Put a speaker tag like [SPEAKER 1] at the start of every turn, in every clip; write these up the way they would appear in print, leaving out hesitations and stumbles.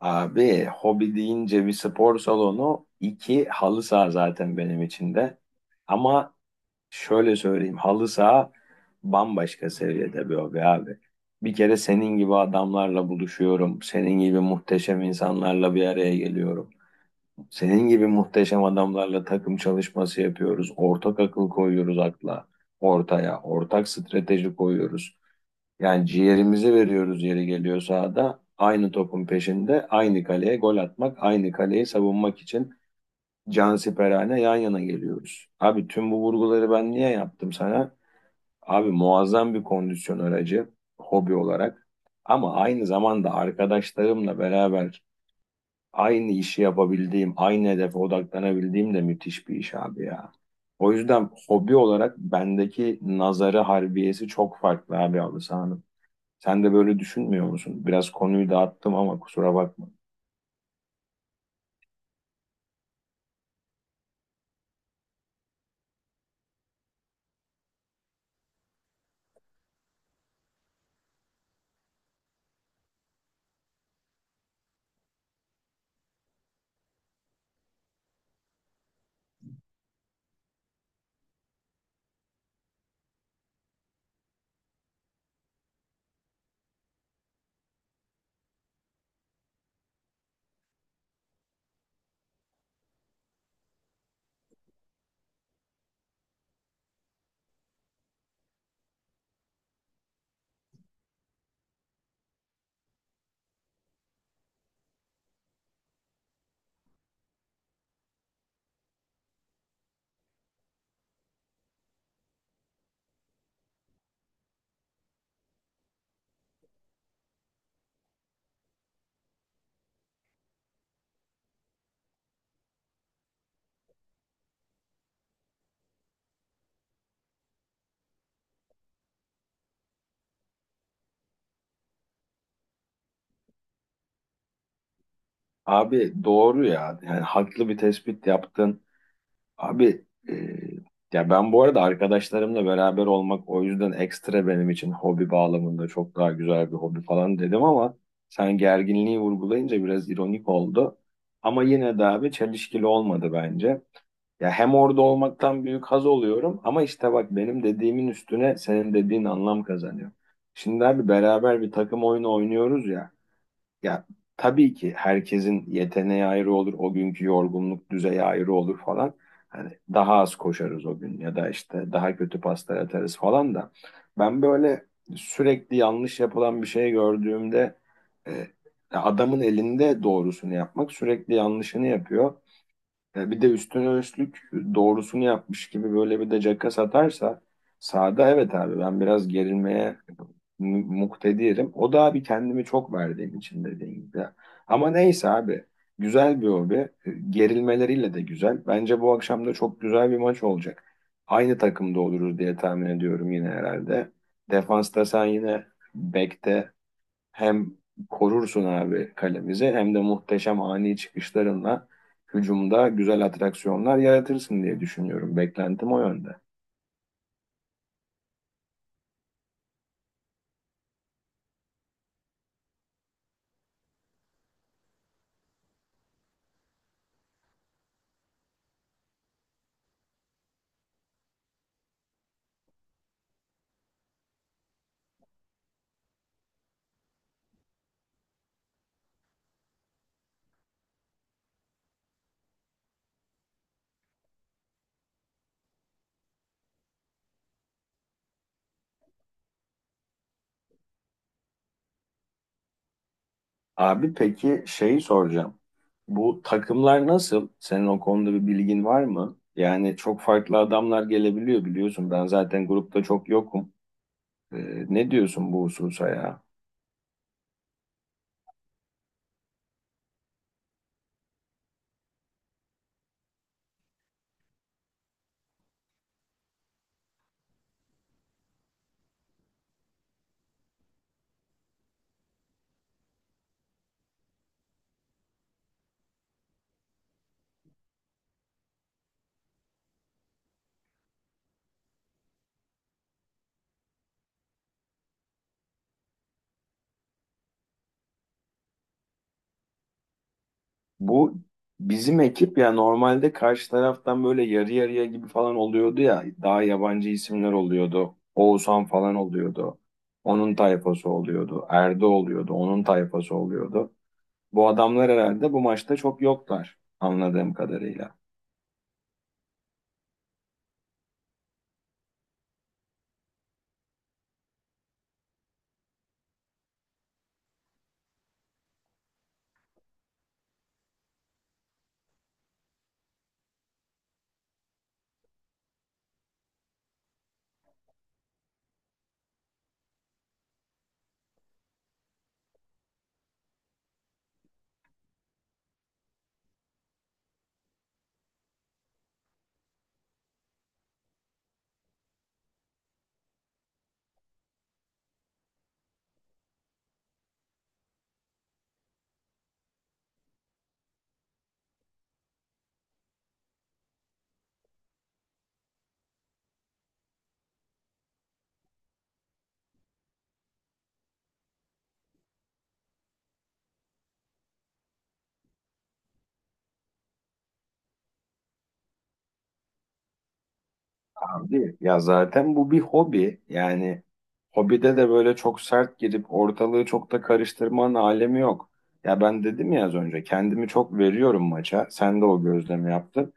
[SPEAKER 1] Abi hobi deyince bir spor salonu, iki halı saha zaten benim için de. Ama şöyle söyleyeyim halı saha bambaşka seviyede bir hobi abi. Bir kere senin gibi adamlarla buluşuyorum. Senin gibi muhteşem insanlarla bir araya geliyorum. Senin gibi muhteşem adamlarla takım çalışması yapıyoruz. Ortak akıl koyuyoruz akla, ortaya. Ortak strateji koyuyoruz. Yani ciğerimizi veriyoruz yeri geliyor sahada. Aynı topun peşinde, aynı kaleye gol atmak, aynı kaleyi savunmak için cansiperane yan yana geliyoruz. Abi tüm bu vurguları ben niye yaptım sana? Abi muazzam bir kondisyon aracı hobi olarak. Ama aynı zamanda arkadaşlarımla beraber aynı işi yapabildiğim, aynı hedefe odaklanabildiğim de müthiş bir iş abi ya. O yüzden hobi olarak bendeki nazarı harbiyesi çok farklı abi halı sahanın. Sen de böyle düşünmüyor musun? Biraz konuyu dağıttım ama kusura bakma. Abi doğru ya. Yani haklı bir tespit yaptın. Abi, ya ben bu arada arkadaşlarımla beraber olmak o yüzden ekstra benim için hobi bağlamında çok daha güzel bir hobi falan dedim ama sen gerginliği vurgulayınca biraz ironik oldu. Ama yine de abi çelişkili olmadı bence. Ya hem orada olmaktan büyük haz oluyorum ama işte bak benim dediğimin üstüne senin dediğin anlam kazanıyor. Şimdi abi beraber bir takım oyunu oynuyoruz ya. Ya tabii ki herkesin yeteneği ayrı olur, o günkü yorgunluk düzeyi ayrı olur falan. Hani daha az koşarız o gün ya da işte daha kötü paslar atarız falan da. Ben böyle sürekli yanlış yapılan bir şey gördüğümde e, adamın elinde doğrusunu yapmak sürekli yanlışını yapıyor. Ya bir de üstüne üstlük doğrusunu yapmış gibi böyle bir de caka satarsa sağda evet abi ben biraz gerilmeye muktedirim. O da abi kendimi çok verdiğim için dediğim gibi. Ama neyse abi güzel bir hobi. Gerilmeleriyle de güzel. Bence bu akşam da çok güzel bir maç olacak. Aynı takımda oluruz diye tahmin ediyorum yine herhalde. Defansta sen yine bekte hem korursun abi kalemizi hem de muhteşem ani çıkışlarınla hücumda güzel atraksiyonlar yaratırsın diye düşünüyorum. Beklentim o yönde. Abi peki şeyi soracağım. Bu takımlar nasıl? Senin o konuda bir bilgin var mı? Yani çok farklı adamlar gelebiliyor biliyorsun. Ben zaten grupta çok yokum. Ne diyorsun bu hususa ya? Bu bizim ekip ya normalde karşı taraftan böyle yarı yarıya gibi falan oluyordu ya. Daha yabancı isimler oluyordu. Oğuzhan falan oluyordu. Onun tayfası oluyordu. Erdo oluyordu. Onun tayfası oluyordu. Bu adamlar herhalde bu maçta çok yoklar anladığım kadarıyla. Abi ya zaten bu bir hobi. Yani hobide de böyle çok sert girip ortalığı çok da karıştırmanın alemi yok. Ya ben dedim ya az önce kendimi çok veriyorum maça. Sen de o gözlemi yaptın.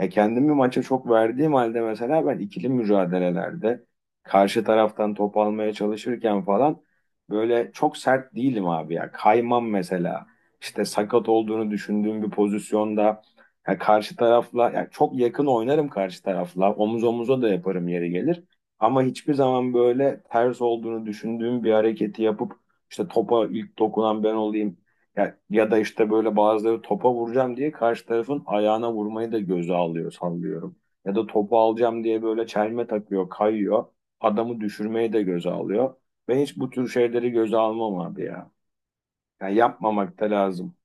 [SPEAKER 1] Ya kendimi maça çok verdiğim halde mesela ben ikili mücadelelerde karşı taraftan top almaya çalışırken falan böyle çok sert değilim abi ya. Kaymam mesela. İşte sakat olduğunu düşündüğüm bir pozisyonda ya karşı tarafla ya çok yakın oynarım karşı tarafla. Omuz omuza da yaparım yeri gelir. Ama hiçbir zaman böyle ters olduğunu düşündüğüm bir hareketi yapıp işte topa ilk dokunan ben olayım ya, ya da işte böyle bazıları topa vuracağım diye karşı tarafın ayağına vurmayı da göze alıyor sallıyorum. Ya da topu alacağım diye böyle çelme takıyor, kayıyor. Adamı düşürmeyi de göze alıyor. Ben hiç bu tür şeyleri göze almam abi ya. Yani yapmamak da lazım.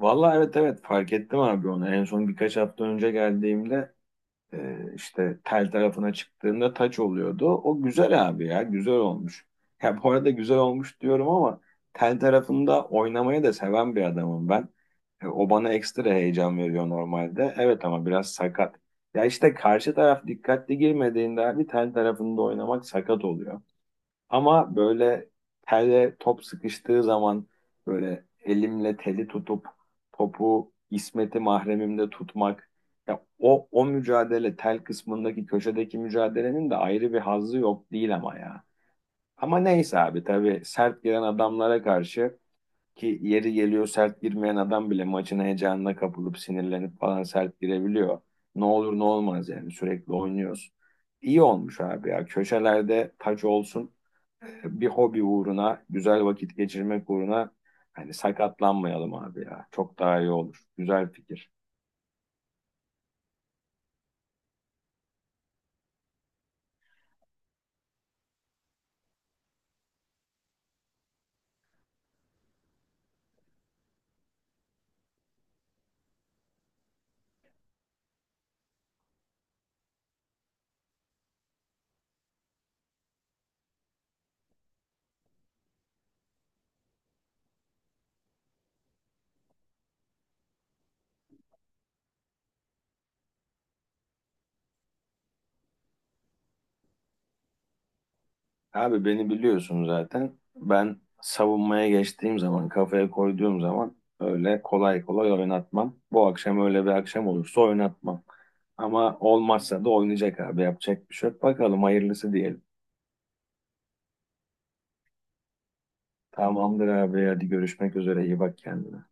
[SPEAKER 1] Vallahi evet, evet, fark ettim abi onu. En son birkaç hafta önce geldiğimde, işte tel tarafına çıktığında taç oluyordu. O güzel abi ya güzel olmuş. Ya bu arada güzel olmuş diyorum ama tel tarafında oynamayı da seven bir adamım ben. O bana ekstra heyecan veriyor normalde. Evet ama biraz sakat. Ya işte karşı taraf dikkatli girmediğinde abi tel tarafında oynamak sakat oluyor. Ama böyle telle top sıkıştığı zaman böyle elimle teli tutup topu İsmet'i mahremimde tutmak ya o mücadele tel kısmındaki köşedeki mücadelenin de ayrı bir hazzı yok değil ama ya. Ama neyse abi tabii sert giren adamlara karşı ki yeri geliyor sert girmeyen adam bile maçın heyecanına kapılıp sinirlenip falan sert girebiliyor. Ne olur ne olmaz yani sürekli oynuyoruz. İyi olmuş abi ya. Köşelerde taç olsun bir hobi uğruna, güzel vakit geçirmek uğruna hani sakatlanmayalım abi ya. Çok daha iyi olur. Güzel fikir. Abi beni biliyorsun zaten. Ben savunmaya geçtiğim zaman, kafaya koyduğum zaman öyle kolay kolay oynatmam. Bu akşam öyle bir akşam olursa oynatmam. Ama olmazsa da oynayacak abi. Yapacak bir şey yok. Bakalım hayırlısı diyelim. Tamamdır abi. Hadi görüşmek üzere. İyi bak kendine.